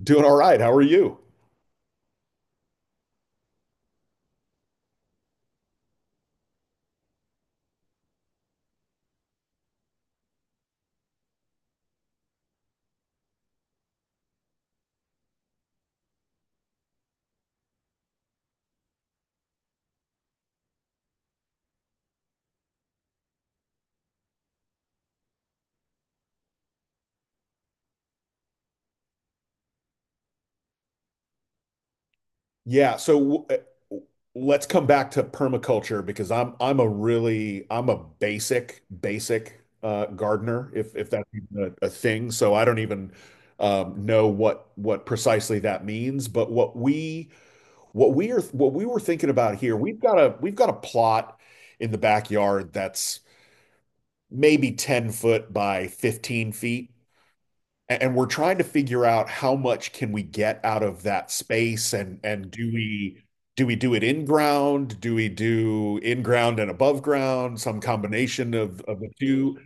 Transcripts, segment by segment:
Doing all right. How are you? Yeah, so uh, let's come back to permaculture because I'm a really I'm a basic gardener, if that's even a thing. So I don't even know what precisely that means. But what we were thinking about here, we've got a plot in the backyard that's maybe 10-foot by 15 feet. And we're trying to figure out, how much can we get out of that space, and do we do it in ground? Do we do in ground and above ground? Some combination of the two?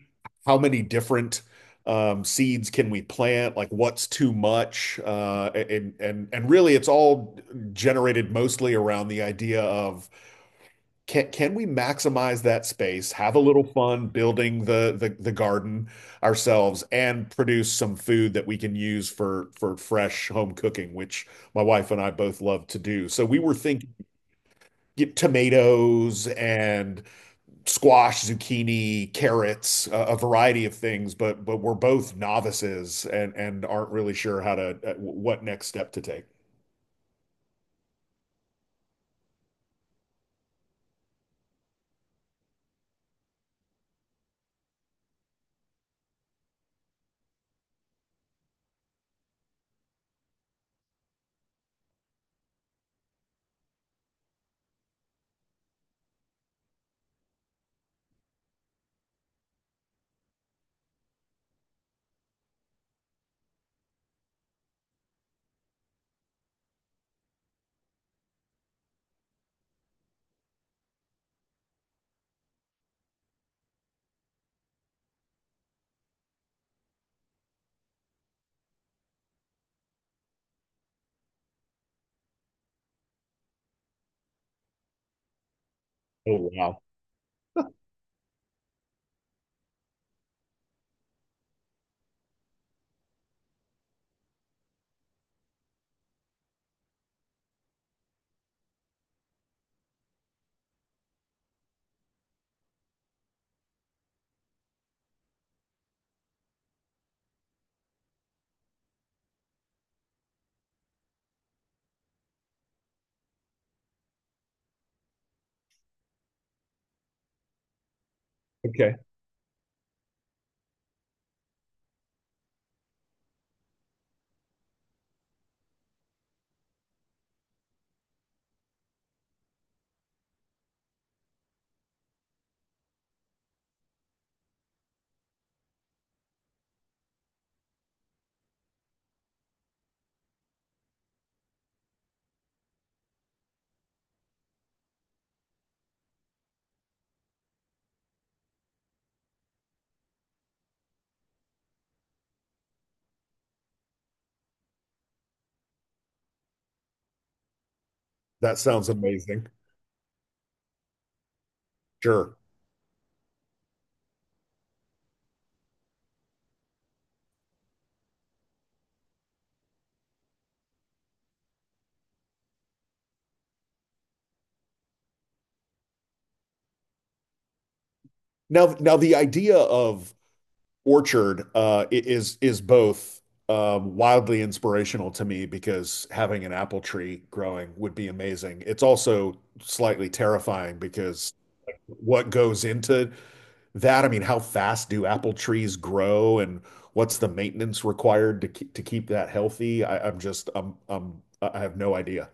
How many different seeds can we plant? Like, what's too much? And really, it's all generated mostly around the idea of, can we maximize that space, have a little fun building the garden ourselves, and produce some food that we can use for fresh home cooking, which my wife and I both love to do. So we were thinking, get tomatoes and squash, zucchini, carrots, a variety of things, but we're both novices and aren't really sure how to what next step to take. Oh, wow. Okay. That sounds amazing. Sure. Now the idea of orchard is both wildly inspirational to me, because having an apple tree growing would be amazing. It's also slightly terrifying because, what goes into that? I mean, how fast do apple trees grow, and what's the maintenance required to keep, that healthy? I, I'm just I'm I have no idea.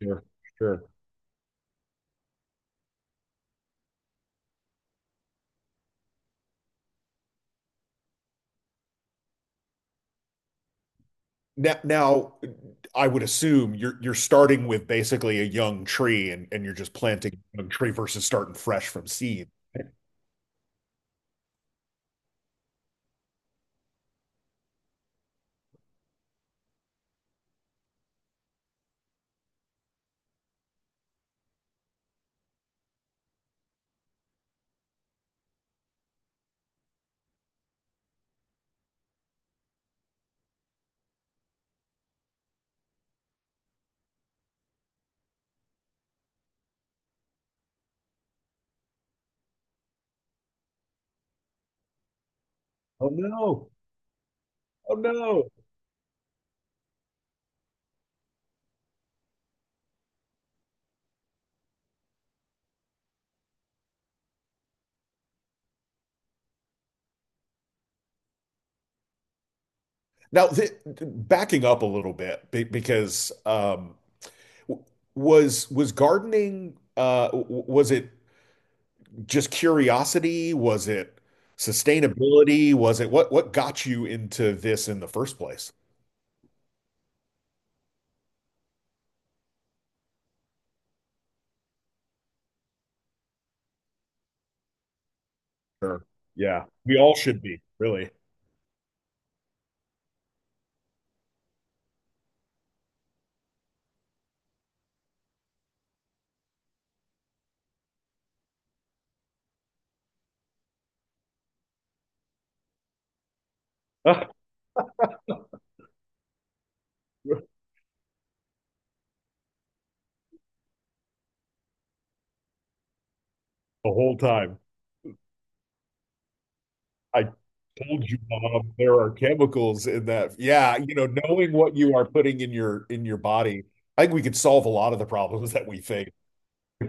Sure, sure. Now, I would assume you're starting with basically a young tree, and you're just planting a young tree versus starting fresh from seed. Oh no. Oh no. Now, th backing up a little bit, because w- was gardening, was it just curiosity? Was it sustainability? Was it, what got you into this in the first place? Sure. Yeah, we all should be, really. The whole time. I told you, Bob, there are chemicals in that. Yeah, you know, knowing what you are putting in your body, I think we could solve a lot of the problems that we face. I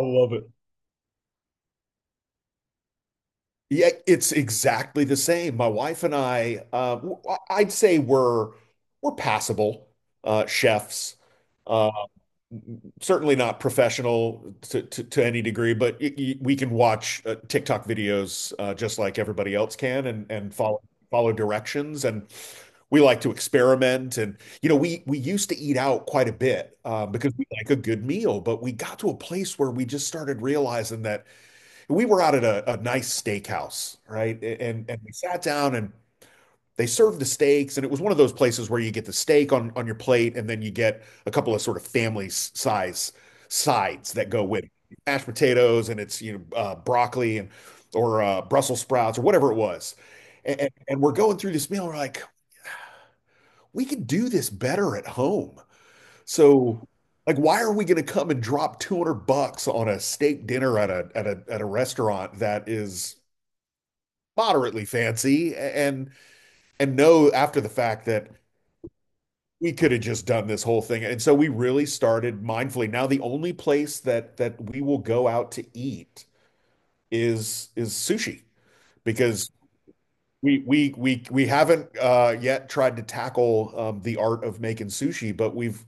love it. Yeah, it's exactly the same. My wife and I, I'd say we're passable chefs. Uh, Certainly not professional to, any degree, but we can watch TikTok videos just like everybody else can, and, follow directions. And we like to experiment. And you know, we used to eat out quite a bit because we like a good meal, but we got to a place where we just started realizing that we were out at a nice steakhouse, right? And we sat down, and they served the steaks, and it was one of those places where you get the steak on your plate, and then you get a couple of sort of family size sides that go with it. Mashed potatoes, and it's, you know, broccoli, and or Brussels sprouts, or whatever it was. And, and we're going through this meal, we're like, we could do this better at home. So, like, why are we going to come and drop 200 bucks on a steak dinner at a restaurant that is moderately fancy, and know after the fact that we could have just done this whole thing. And so we really started mindfully. Now, the only place that we will go out to eat is sushi, because we haven't yet tried to tackle the art of making sushi, but we've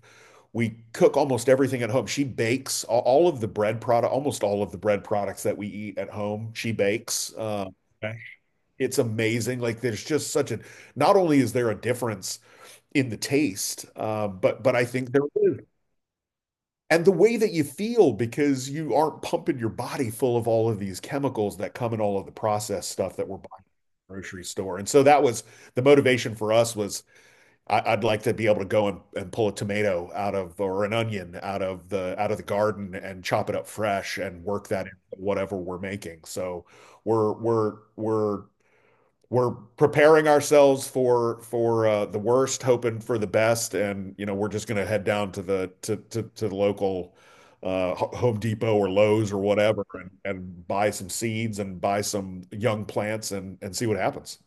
we cook almost everything at home. She bakes all of the bread product, almost all of the bread products that we eat at home. She bakes. Okay. It's amazing. Like, there's just such a. Not only is there a difference in the taste, but I think there is, and the way that you feel, because you aren't pumping your body full of all of these chemicals that come in all of the processed stuff that we're buying at the grocery store. And so that was the motivation for us was, I, I'd like to be able to go and, pull a tomato out of, or an onion out of the garden, and chop it up fresh and work that into whatever we're making. So we're we're we're we're preparing ourselves for the worst, hoping for the best, and you know, we're just gonna head down to the to the local Home Depot or Lowe's or whatever, and buy some seeds and buy some young plants and see what happens.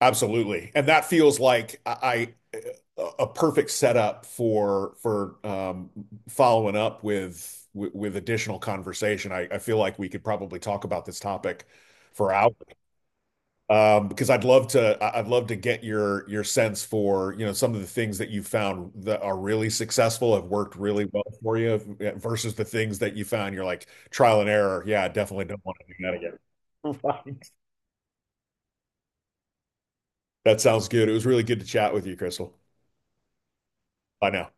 Absolutely, and that feels like, I a perfect setup for following up with additional conversation. I feel like we could probably talk about this topic for hours. Um, because I'd love to, would love to get your sense for, you know, some of the things that you found that are really successful, have worked really well for you, yeah, versus the things that you found, you're like, trial and error. Yeah, I definitely don't want to do that again. That sounds good. It was really good to chat with you, Crystal. Bye now.